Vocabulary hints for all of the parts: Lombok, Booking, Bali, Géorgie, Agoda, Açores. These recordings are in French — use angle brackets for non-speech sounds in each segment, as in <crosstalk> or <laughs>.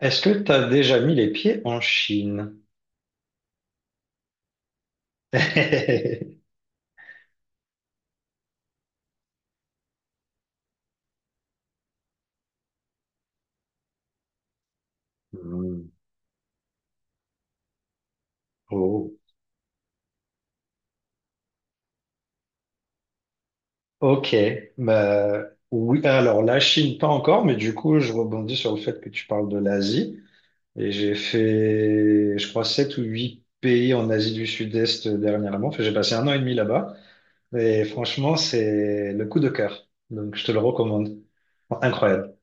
Est-ce que tu as déjà mis les pieds en Chine? <laughs> Hmm. Oh. Ok. Bah, oui, alors la Chine, pas encore, mais du coup, je rebondis sur le fait que tu parles de l'Asie. Et j'ai fait, je crois, sept ou huit pays en Asie du Sud-Est dernièrement. Enfin, j'ai passé un an et demi là-bas. Et franchement, c'est le coup de cœur. Donc, je te le recommande. Incroyable.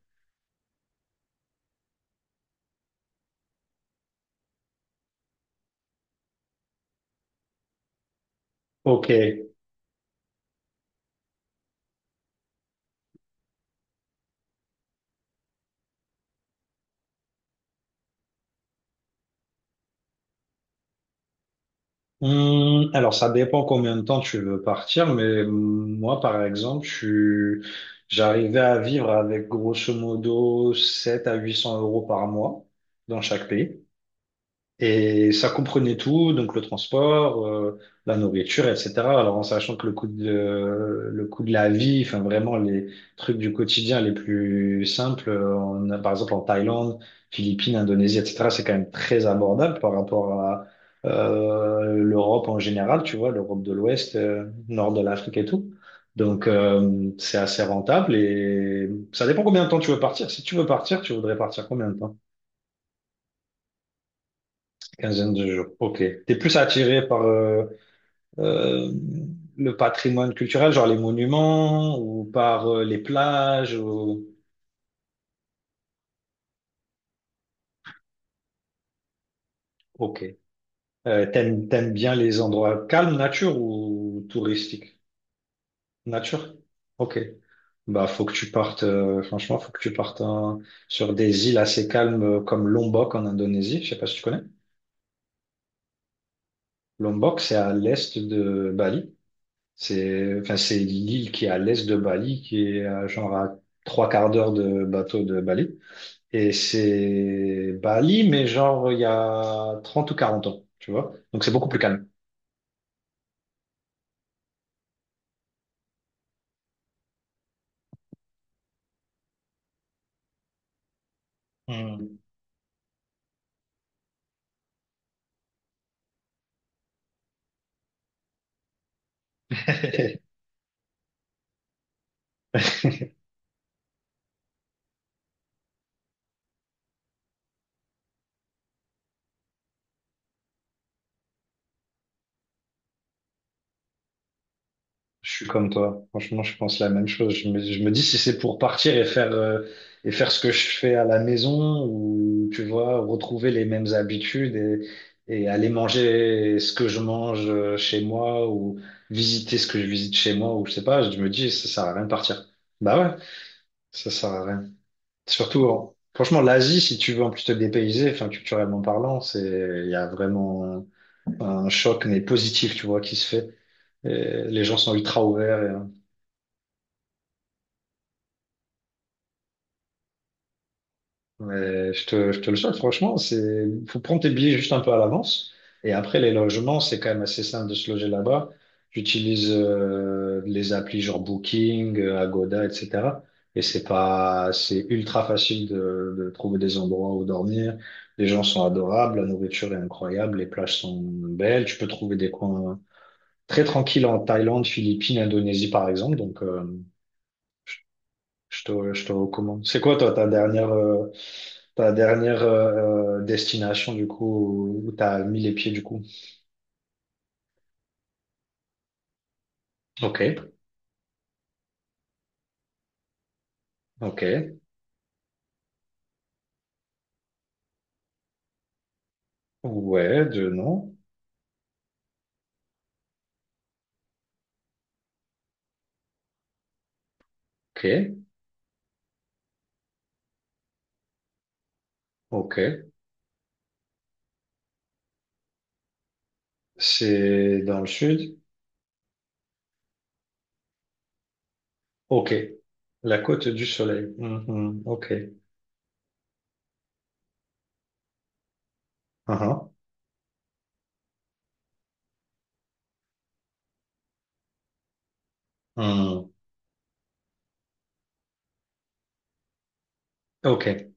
Ok. Alors, ça dépend combien de temps tu veux partir, mais moi, par exemple, suis- j'arrivais à vivre avec grosso modo 700 à 800 euros par mois dans chaque pays. Et ça comprenait tout, donc le transport, la nourriture, etc. Alors en sachant que le coût de la vie, enfin vraiment les trucs du quotidien les plus simples, on a, par exemple en Thaïlande, Philippines, Indonésie, etc. C'est quand même très abordable par rapport à l'Europe en général, tu vois, l'Europe de l'Ouest, nord de l'Afrique et tout. Donc c'est assez rentable et ça dépend combien de temps tu veux partir. Si tu veux partir, tu voudrais partir combien de temps? Quinzaine de jours. Ok. T'es plus attiré par euh, le patrimoine culturel, genre les monuments, ou par les plages, ou. Ok. T'aimes bien les endroits calmes, nature ou touristiques? Nature? Ok. Bah, faut que tu partes, franchement, faut que tu partes hein, sur des îles assez calmes comme Lombok en Indonésie. Je sais pas si tu connais. Lombok, c'est à l'est de Bali. C'est enfin, c'est l'île qui est à l'est de Bali, qui est à, genre à trois quarts d'heure de bateau de Bali. Et c'est Bali, mais genre il y a 30 ou 40 ans, tu vois. Donc c'est beaucoup plus calme. Hmm. Hmm. <laughs> Je suis comme toi. Franchement, je pense la même chose. Je me dis si c'est pour partir et faire, ce que je fais à la maison ou, tu vois, retrouver les mêmes habitudes et aller manger ce que je mange chez moi ou visiter ce que je visite chez moi ou je sais pas, je me dis ça sert à rien de partir. Bah ouais, ça sert à rien. Surtout, franchement, l'Asie, si tu veux en plus te dépayser, enfin, culturellement parlant, il y a vraiment un choc, mais positif, tu vois, qui se fait. Et les gens sont ultra ouverts. Mais je te le souhaite, franchement, faut prendre tes billets juste un peu à l'avance. Et après, les logements, c'est quand même assez simple de se loger là-bas. J'utilise les applis genre Booking, Agoda, etc. Et c'est pas, c'est ultra facile de trouver des endroits où dormir. Les gens sont adorables, la nourriture est incroyable, les plages sont belles. Tu peux trouver des coins très tranquilles en Thaïlande, Philippines, Indonésie, par exemple. Donc, je, je te recommande. C'est quoi, toi, ta dernière destination, du coup, où tu as mis les pieds, du coup. Ok, ok. Ouais, de non. Ok, ok. C'est dans le sud. Ok. La côte du soleil. Mhm, Ok. Uhum, hmm, Ok.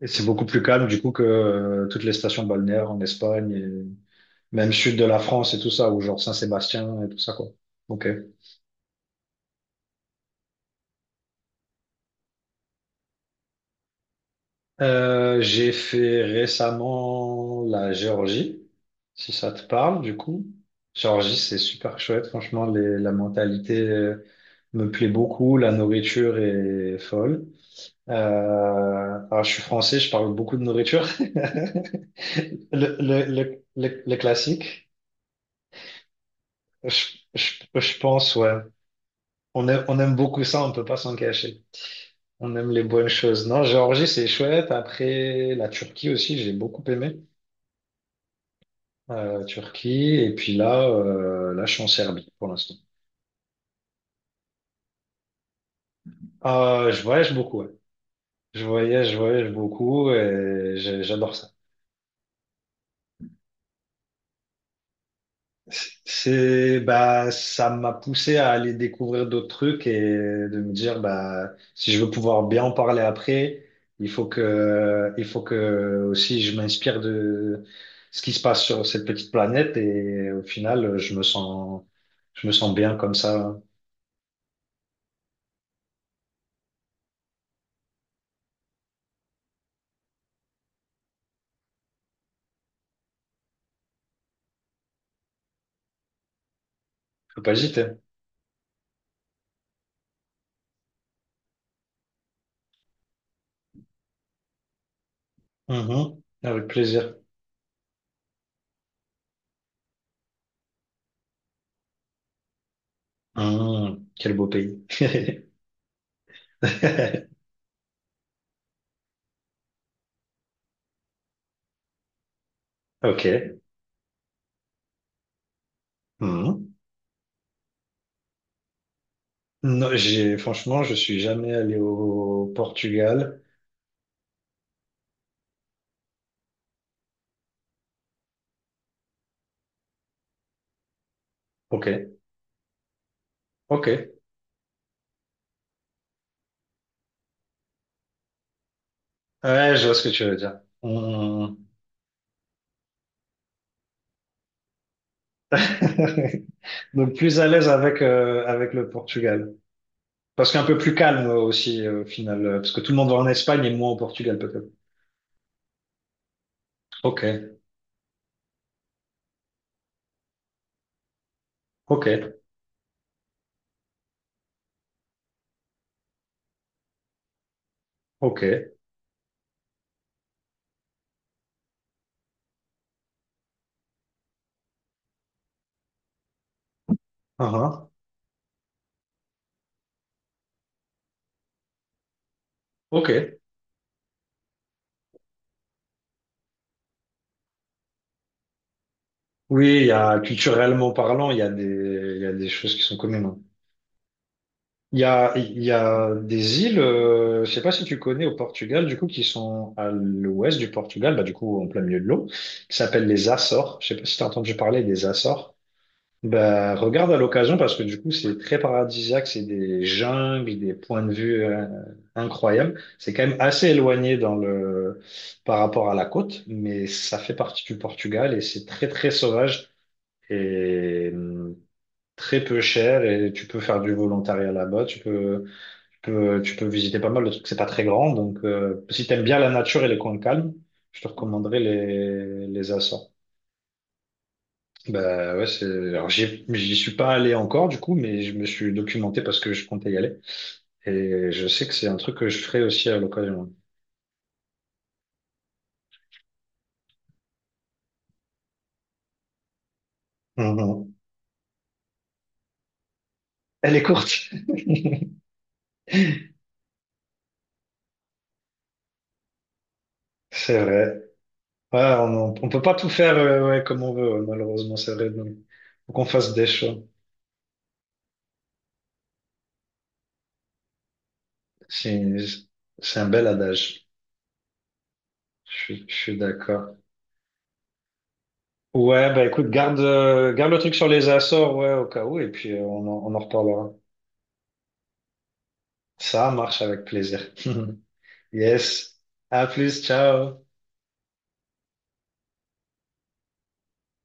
Et c'est beaucoup plus calme, du coup, que toutes les stations balnéaires en Espagne, et même sud de la France et tout ça, ou genre Saint-Sébastien et tout ça, quoi. Ok. J'ai fait récemment la Géorgie, si ça te parle, du coup. Géorgie, c'est super chouette. Franchement, la mentalité me plaît beaucoup. La nourriture est folle. Euh, alors, je suis français, je parle beaucoup de nourriture. <laughs> Le classique, je pense, ouais. On aime beaucoup ça, on peut pas s'en cacher. On aime les bonnes choses. Non, Géorgie, c'est chouette. Après, la Turquie aussi, j'ai beaucoup aimé. Turquie, et puis là, je suis en Serbie pour l'instant. Ah je voyage beaucoup, ouais. Je voyage beaucoup, et j'adore ça. Bah, ça m'a poussé à aller découvrir d'autres trucs et de me dire, bah, si je veux pouvoir bien en parler après, il faut que aussi je m'inspire de ce qui se passe sur cette petite planète et au final, je me sens bien comme ça. Faut pas hésiter. Mhm. Avec plaisir. Quel beau pays. <laughs> Ok. Hum. Non, franchement, je suis jamais allé au Portugal. Ok. Ok. Ouais, je vois ce que tu veux dire. Hum. <laughs> Donc plus à l'aise avec le Portugal. Parce qu'un peu plus calme aussi au final. Parce que tout le monde va en Espagne et moins au Portugal peut-être. Ok. Ok. Ok. Ah, ah. Ok. Oui, il y a culturellement parlant, il y a des choses qui sont communes. Hein. Il y a des îles, je sais pas si tu connais au Portugal, du coup, qui sont à l'ouest du Portugal, bah, du coup, en plein milieu de l'eau, qui s'appellent les Açores. Je sais pas si tu as entendu parler des Açores. Bah, regarde à l'occasion parce que du coup, c'est très paradisiaque, c'est des jungles, des points de vue incroyables. C'est quand même assez éloigné par rapport à la côte, mais ça fait partie du Portugal et c'est très, très sauvage et très peu cher et tu peux faire du volontariat là-bas, tu peux visiter pas mal de trucs, c'est pas très grand. Donc, si t'aimes bien la nature et les coins calmes, je te recommanderais les Açores. Bah ouais, alors j'y suis pas allé encore du coup, mais je me suis documenté parce que je comptais y aller. Et je sais que c'est un truc que je ferai aussi à l'occasion. Mhm. Elle est courte. <laughs> C'est vrai. Ouais, on peut pas tout faire ouais, comme on veut, ouais, malheureusement, c'est vrai. Donc, faut qu'on fasse des choix. C'est c'est un bel adage. Je suis d'accord. Ouais, bah écoute, garde le truc sur les Açores, ouais, au cas où, et puis on en reparlera. Ça marche avec plaisir. <laughs> Yes. À plus, ciao.